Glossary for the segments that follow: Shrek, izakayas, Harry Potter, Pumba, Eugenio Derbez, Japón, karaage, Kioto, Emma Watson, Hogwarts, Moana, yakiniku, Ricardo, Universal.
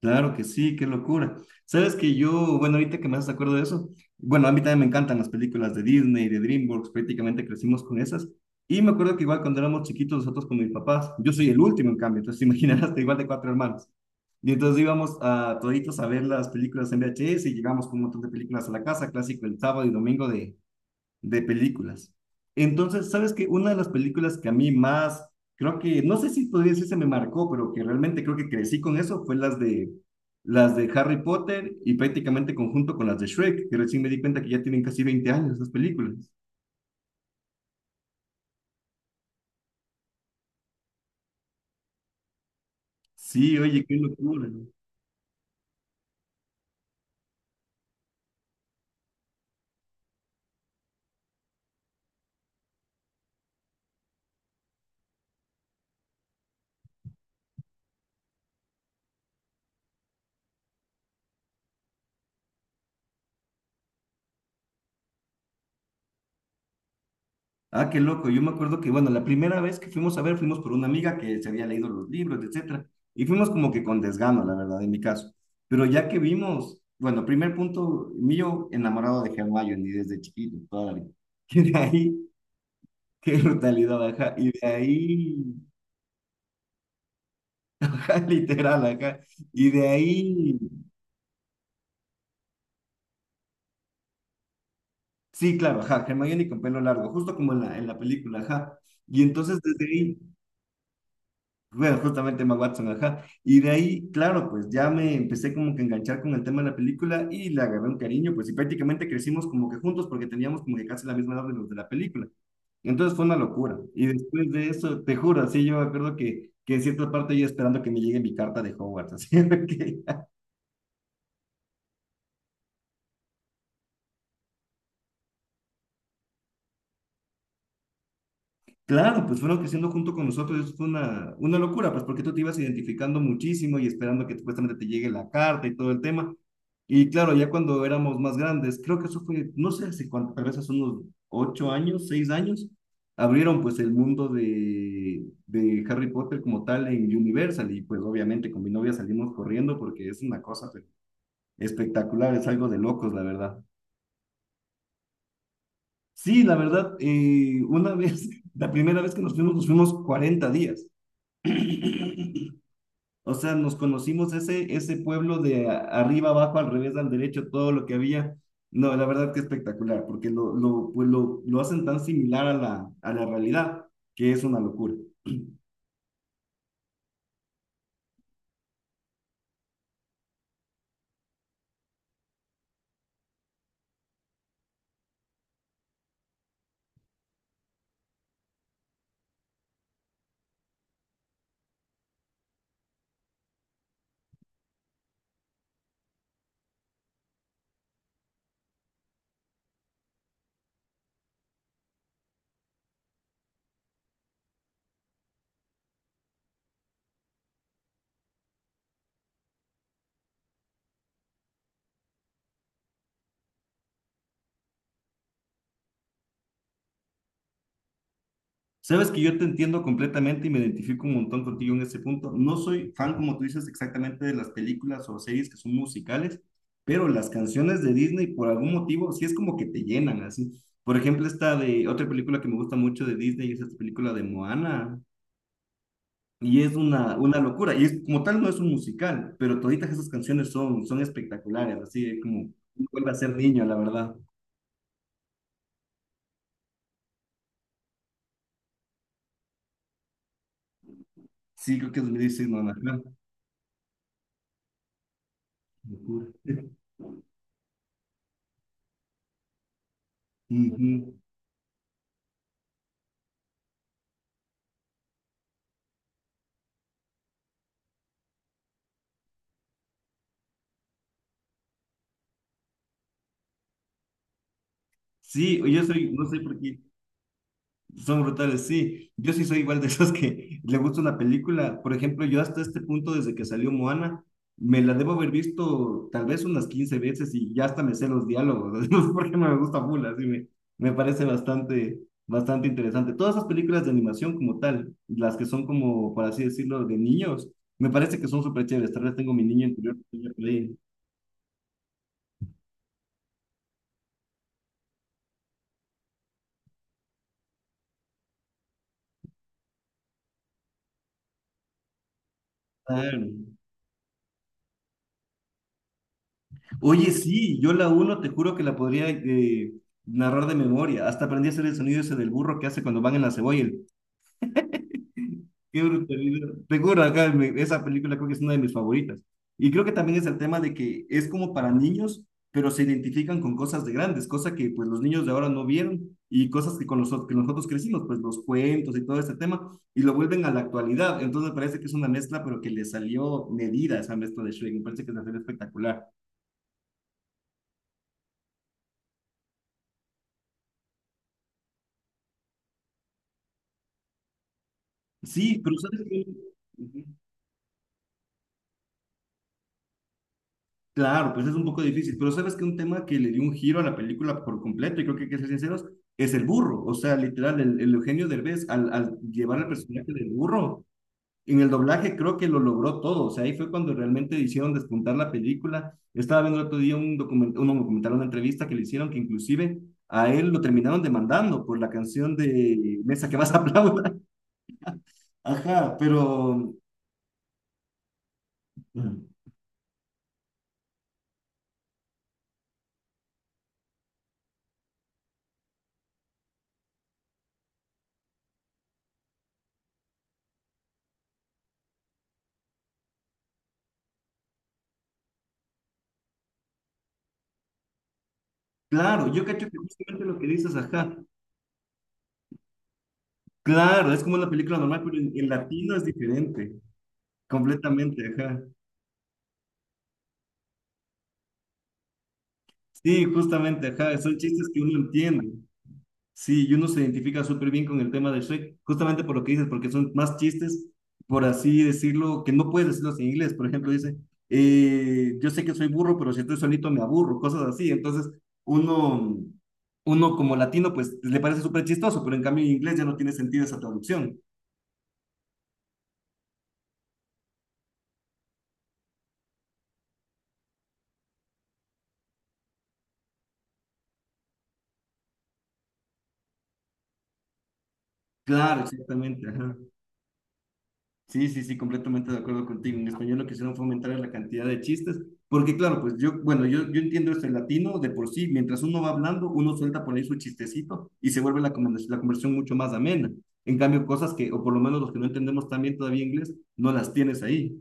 Claro que sí, qué locura. Sabes que yo, bueno, ahorita que me haces acuerdo de eso, bueno, a mí también me encantan las películas de Disney, de DreamWorks, prácticamente crecimos con esas. Y me acuerdo que igual cuando éramos chiquitos nosotros con mis papás, yo soy el último en cambio, entonces te imaginarás, te igual de cuatro hermanos. Y entonces íbamos a toditos a ver las películas en VHS y llegamos con un montón de películas a la casa, clásico el sábado y domingo de, películas. Entonces, ¿sabes qué? Una de las películas que a mí más, creo que, no sé si podría decir se me marcó, pero que realmente creo que crecí con eso, fue las de Harry Potter y prácticamente conjunto con las de Shrek, que recién me di cuenta que ya tienen casi 20 años las películas. Sí, oye, qué locura, ¿no? Ah, qué loco. Yo me acuerdo que, bueno, la primera vez que fuimos a ver, fuimos por una amiga que se había leído los libros, etcétera. Y fuimos como que con desgano, la verdad, en mi caso. Pero ya que vimos, bueno, primer punto mío, enamorado de Hermione y desde chiquito, toda la vida. Que de ahí, qué brutalidad, ajá. Y de ahí, ajá, literal, ajá. Y de ahí, sí, claro, ajá, Hermione con pelo largo, justo como en la película, ajá. Y entonces desde ahí, bueno, justamente Emma Watson, ajá. Y de ahí, claro, pues ya me empecé como que a enganchar con el tema de la película y le agarré un cariño, pues y prácticamente crecimos como que juntos porque teníamos como que casi la misma edad de los de la película. Entonces fue una locura. Y después de eso, te juro, así yo me acuerdo que en cierta parte yo esperando que me llegue mi carta de Hogwarts, así que. Claro, pues fueron creciendo junto con nosotros, y eso fue una locura, pues porque tú te ibas identificando muchísimo y esperando que supuestamente te llegue la carta y todo el tema. Y claro, ya cuando éramos más grandes, creo que eso fue, no sé hace cuánto, tal vez hace unos 8 años, 6 años, abrieron pues el mundo de, Harry Potter como tal en Universal y pues obviamente con mi novia salimos corriendo porque es una cosa pues, espectacular, es algo de locos, la verdad. Sí, la verdad, una vez, la primera vez que nos fuimos 40 días. O sea, nos conocimos ese, pueblo de arriba, abajo, al revés, al derecho, todo lo que había. No, la verdad que espectacular, porque pues lo hacen tan similar a la realidad que es una locura. Sabes que yo te entiendo completamente y me identifico un montón contigo en ese punto. No soy fan, como tú dices, exactamente de las películas o series que son musicales, pero las canciones de Disney, por algún motivo, sí es como que te llenan así. Por ejemplo, esta de otra película que me gusta mucho de Disney es esta película de Moana. Y es una locura. Y es, como tal no es un musical, pero toditas esas canciones son espectaculares, así es como uno vuelve a ser niño, la verdad. Sí, creo que es 2016, no, no, no, locura. Ujú. Sí, yo soy, no sé por qué. Son brutales, sí. Yo sí soy igual de esos que le gusta una película. Por ejemplo, yo hasta este punto, desde que salió Moana, me la debo haber visto tal vez unas 15 veces y ya hasta me sé los diálogos. No sé por qué no me gusta full, así me parece bastante interesante. Todas esas películas de animación como tal, las que son como, por así decirlo, de niños, me parece que son súper chéveres. Tal vez tengo mi niño interior. Ahí. Claro. Oye, sí, yo la uno te juro que la podría narrar de memoria. Hasta aprendí a hacer el sonido ese del burro que hace cuando van en la cebolla. Qué brutalidad. Te juro, acá esa película creo que es una de mis favoritas. Y creo que también es el tema de que es como para niños, pero se identifican con cosas de grandes, cosa que pues los niños de ahora no vieron y cosas que con nosotros, que nosotros crecimos, pues los cuentos y todo ese tema, y lo vuelven a la actualidad. Entonces me parece que es una mezcla, pero que le salió medida esa mezcla de Shrek. Me parece que es una serie espectacular. Sí, pero sabes que... Ujú. Claro, pues es un poco difícil, pero sabes que un tema que le dio un giro a la película por completo, y creo que hay que ser sinceros, es el burro. O sea, literal, el Eugenio Derbez, al llevar el personaje del burro, en el doblaje creo que lo logró todo. O sea, ahí fue cuando realmente hicieron despuntar la película. Estaba viendo el otro día un documental, una entrevista que le hicieron, que inclusive a él lo terminaron demandando por la canción de Mesa que más aplauda. Ajá, pero... Claro, yo cacho que justamente lo que dices, ajá. Claro, es como una película normal, pero en, latino es diferente, completamente, ajá. Sí, justamente, ajá, son chistes que uno entiende. Sí, y uno se identifica súper bien con el tema de Shrek, justamente por lo que dices, porque son más chistes, por así decirlo, que no puedes decirlos en inglés. Por ejemplo, dice, yo sé que soy burro, pero si estoy solito me aburro, cosas así. Entonces, uno, uno como latino, pues le parece súper chistoso, pero en cambio en inglés ya no tiene sentido esa traducción. Claro, exactamente, ajá. Sí, sí, sí, completamente de acuerdo contigo. En español lo que hicieron fue aumentar la cantidad de chistes, porque claro, pues yo, bueno, yo entiendo esto, el latino de por sí, mientras uno va hablando, uno suelta por ahí su chistecito y se vuelve la conversión mucho más amena. En cambio, cosas que, o por lo menos los que no entendemos también todavía inglés, no las tienes ahí.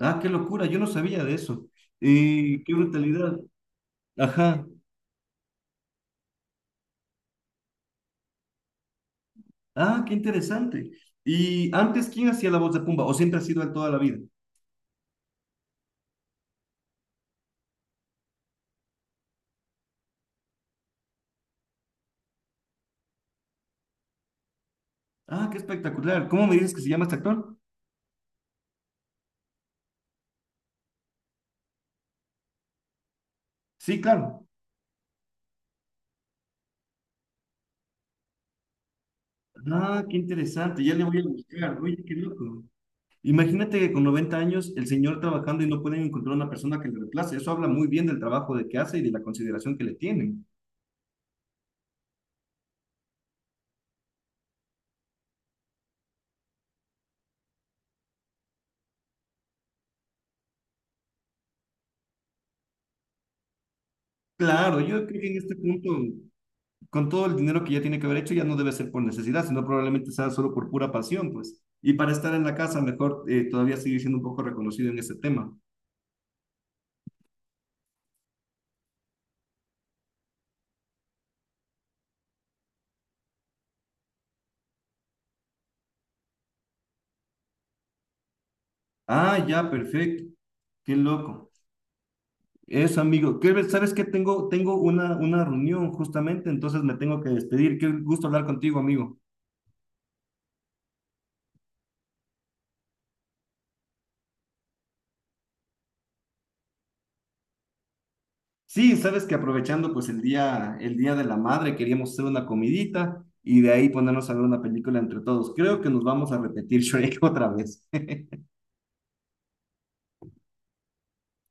Ah, qué locura, yo no sabía de eso. Qué brutalidad. Ajá. Ah, qué interesante. Y antes, ¿quién hacía la voz de Pumba? ¿O siempre ha sido él toda la vida? Ah, qué espectacular. ¿Cómo me dices que se llama este actor? Sí, claro. Ah, qué interesante, ya le voy a buscar. Oye, qué loco. Imagínate que con 90 años el señor trabajando y no pueden encontrar una persona que le reemplace. Eso habla muy bien del trabajo de que hace y de la consideración que le tienen. Claro, yo creo que en este punto, con todo el dinero que ya tiene que haber hecho, ya no debe ser por necesidad, sino probablemente sea solo por pura pasión, pues. Y para estar en la casa, mejor todavía seguir siendo un poco reconocido en ese tema. Ah, ya, perfecto. Qué loco. Eso, amigo. Kelber, ¿sabes qué? Tengo una reunión justamente, entonces me tengo que despedir. Qué gusto hablar contigo, amigo. Sí, sabes que aprovechando pues el día, de la madre, queríamos hacer una comidita y de ahí ponernos a ver una película entre todos. Creo que nos vamos a repetir Shrek otra vez.